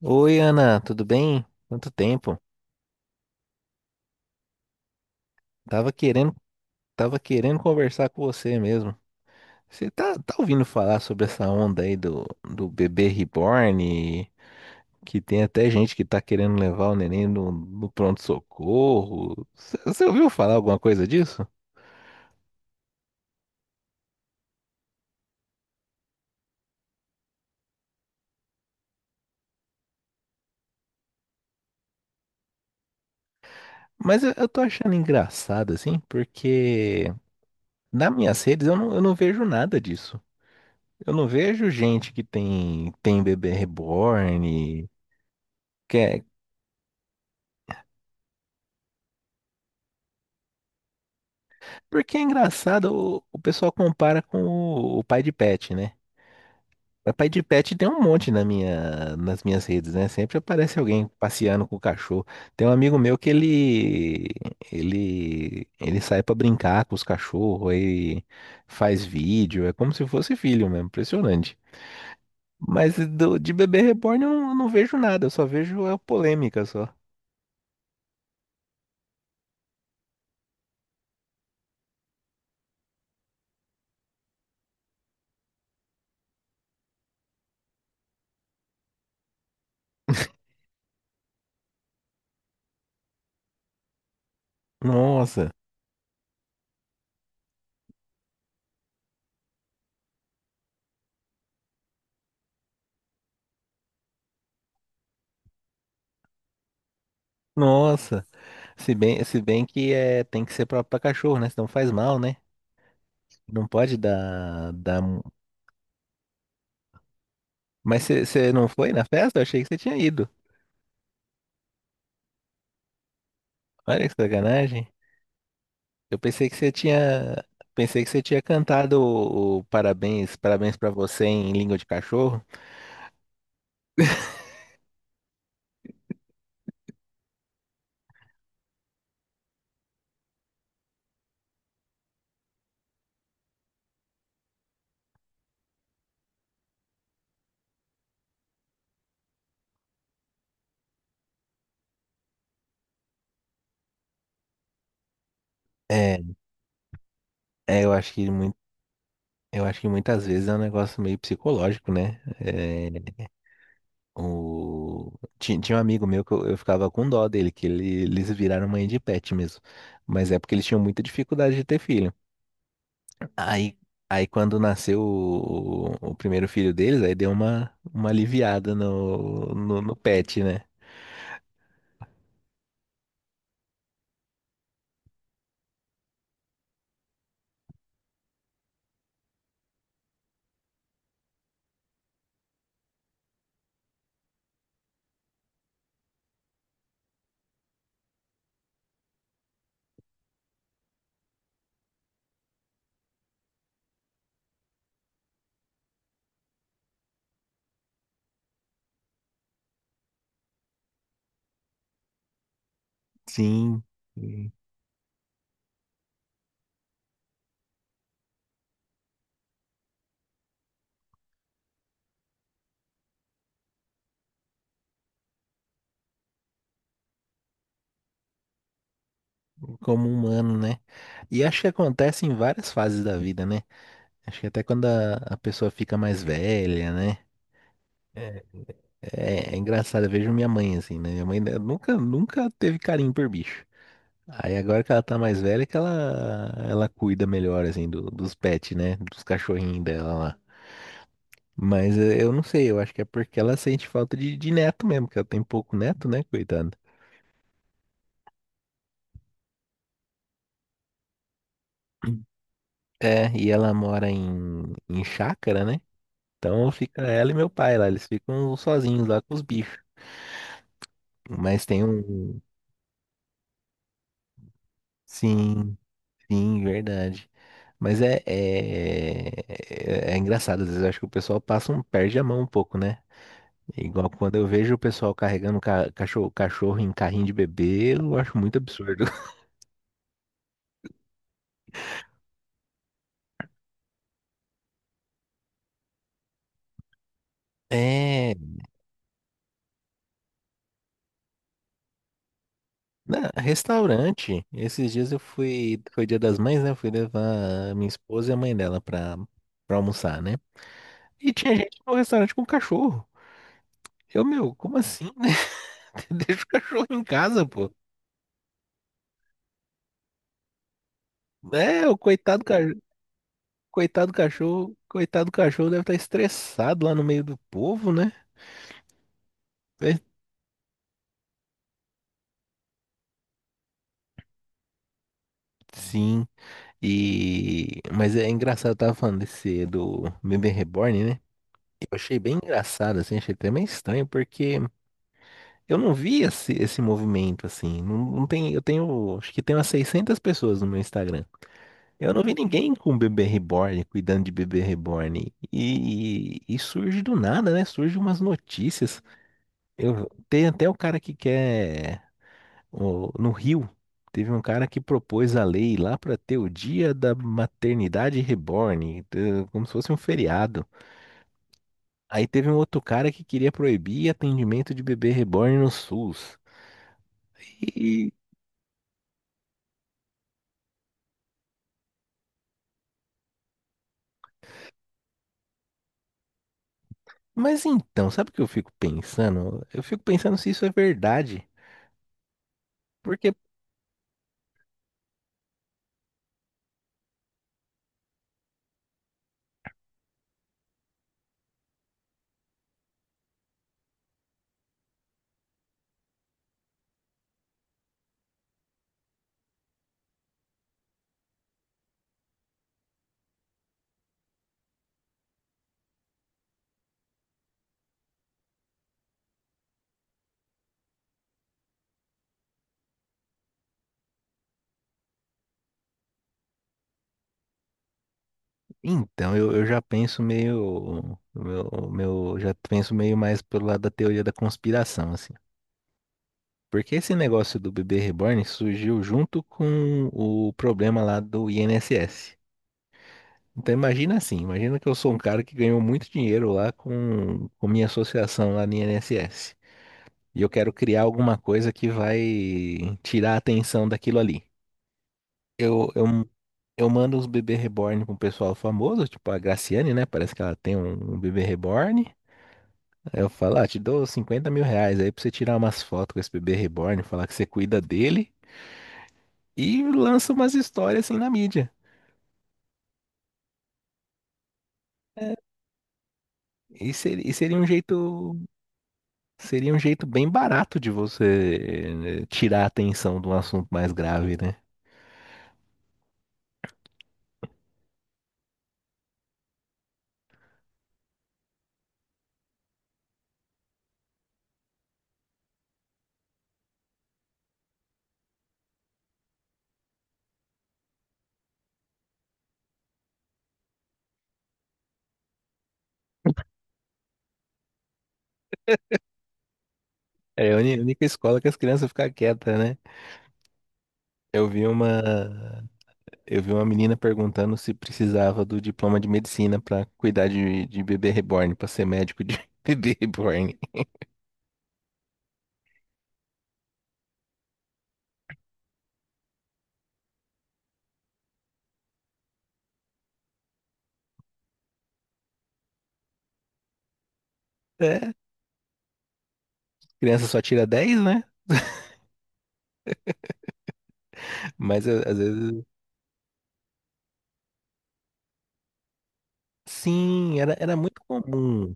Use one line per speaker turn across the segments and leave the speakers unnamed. Oi, Ana, tudo bem? Quanto tempo? Tava querendo, tava querendo conversar com você mesmo. Você tá ouvindo falar sobre essa onda aí do bebê reborn? Que tem até gente que tá querendo levar o neném no pronto-socorro. Você ouviu falar alguma coisa disso? Mas eu tô achando engraçado, assim, porque nas minhas redes eu não vejo nada disso. Eu não vejo gente que tem bebê reborn. Porque é engraçado, o pessoal compara com o pai de pet, né? O pai de pet tem um monte nas minhas redes, né? Sempre aparece alguém passeando com o cachorro. Tem um amigo meu ele sai pra brincar com os cachorros, aí faz vídeo, é como se fosse filho mesmo, impressionante. Mas de bebê reborn eu não vejo nada, eu só vejo a polêmica só. Nossa, nossa. Se bem que é, tem que ser pra cachorro, né? Senão faz mal, né? Não pode dar... Mas você não foi na festa? Eu achei que você tinha ido. Olha que sacanagem. Eu pensei que você tinha... Pensei que você tinha cantado o parabéns, parabéns pra você em língua de cachorro. É, eu acho que muito, eu acho que muitas vezes é um negócio meio psicológico, né? O, tinha um amigo meu que eu ficava com dó dele, eles viraram mãe de pet mesmo. Mas é porque eles tinham muita dificuldade de ter filho. Aí, aí quando nasceu o primeiro filho deles, aí deu uma aliviada no pet, né? Sim, como humano, né? E acho que acontece em várias fases da vida, né? Acho que até quando a pessoa fica mais velha, né? É, é engraçado, eu vejo minha mãe assim, né? Minha mãe né, nunca teve carinho por bicho. Aí agora que ela tá mais velha, é que ela cuida melhor, assim, dos pets, né? Dos cachorrinhos dela. Mas eu não sei, eu acho que é porque ela sente falta de neto mesmo, que ela tem pouco neto, né, coitada. É, e ela mora em chácara, né? Então fica ela e meu pai lá, eles ficam sozinhos lá com os bichos. Mas tem um. Sim, sim, verdade. Mas é engraçado, às vezes eu acho que o pessoal passa um, perde a mão um pouco, né? Igual quando eu vejo o pessoal carregando cachorro em carrinho de bebê, eu acho muito absurdo. É, né, restaurante. Esses dias eu fui, foi Dia das Mães, né? Eu fui levar a minha esposa e a mãe dela pra almoçar, né? E tinha gente no restaurante com cachorro. Eu, meu, como assim, né? Deixa o cachorro em casa, pô. É, o coitado, coitado cachorro deve estar estressado lá no meio do povo, né? É, sim. E mas é engraçado, eu tava falando desse do bebê reborn, né? Eu achei bem engraçado, assim, achei até meio estranho, porque eu não vi esse movimento assim. Não, não tem, eu tenho, acho que tem umas 600 pessoas no meu Instagram. Eu não vi ninguém com um bebê reborn, cuidando de bebê reborn. E surge do nada, né? Surge umas notícias. Eu, tem até o cara que quer. No Rio, teve um cara que propôs a lei lá para ter o dia da maternidade reborn, como se fosse um feriado. Aí teve um outro cara que queria proibir atendimento de bebê reborn no SUS. Mas então, sabe o que eu fico pensando? Eu fico pensando se isso é verdade. Porque, então, eu já penso meio, já penso meio mais pelo lado da teoria da conspiração, assim. Porque esse negócio do bebê reborn surgiu junto com o problema lá do INSS. Então, imagina assim, imagina que eu sou um cara que ganhou muito dinheiro lá com minha associação lá no INSS. E eu quero criar alguma coisa que vai tirar a atenção daquilo ali. Eu, eu Eu mando os bebê reborn pro pessoal famoso, tipo a Graciane, né? Parece que ela tem um bebê reborn. Aí eu falo, ah, te dou R$ 50.000 aí pra você tirar umas fotos com esse bebê reborn, falar que você cuida dele e lança umas histórias assim na mídia. E seria, e seria um jeito, seria um jeito bem barato de você tirar a atenção de um assunto mais grave, né? É a única escola que as crianças ficam quietas, né? Eu vi uma, eu vi uma menina perguntando se precisava do diploma de medicina pra cuidar de bebê reborn, pra ser médico de bebê reborn. É, criança só tira dez, né? Às vezes. Sim, era muito comum.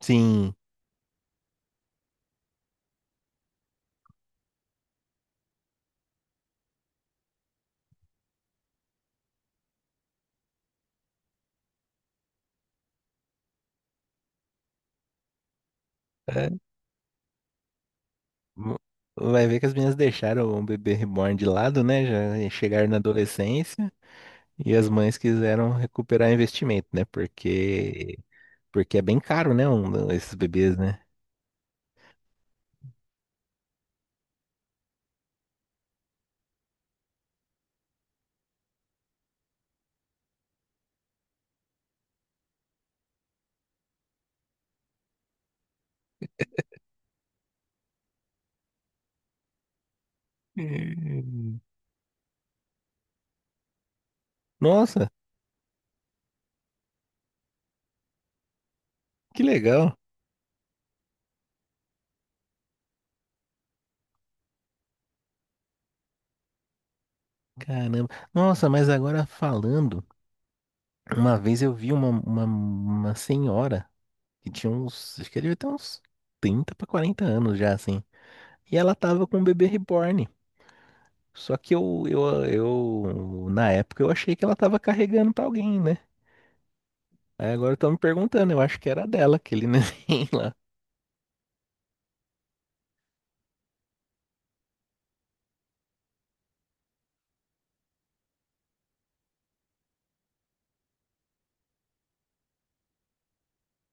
Sim. É, M- vai ver que as meninas deixaram o bebê reborn de lado, né? Já chegaram na adolescência e as mães quiseram recuperar investimento, né? Porque é bem caro, né? Um, esses bebês, né? Hum, nossa, que legal. Caramba. Nossa, mas agora falando, uma vez eu vi uma senhora que tinha uns, acho que ela devia ter uns 30 para 40 anos já, assim. E ela tava com um bebê reborn. Só que na época eu achei que ela tava carregando pra alguém, né? Aí agora estão me perguntando, eu acho que era dela, aquele neném lá.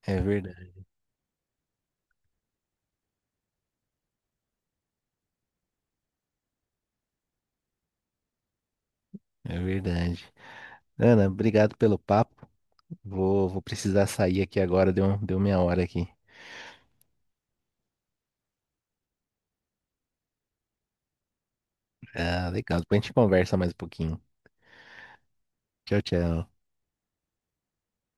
É verdade, é verdade. Ana, obrigado pelo papo. Vou precisar sair aqui agora, deu minha hora aqui. Ah, legal, depois a gente conversa mais um pouquinho. Tchau, tchau.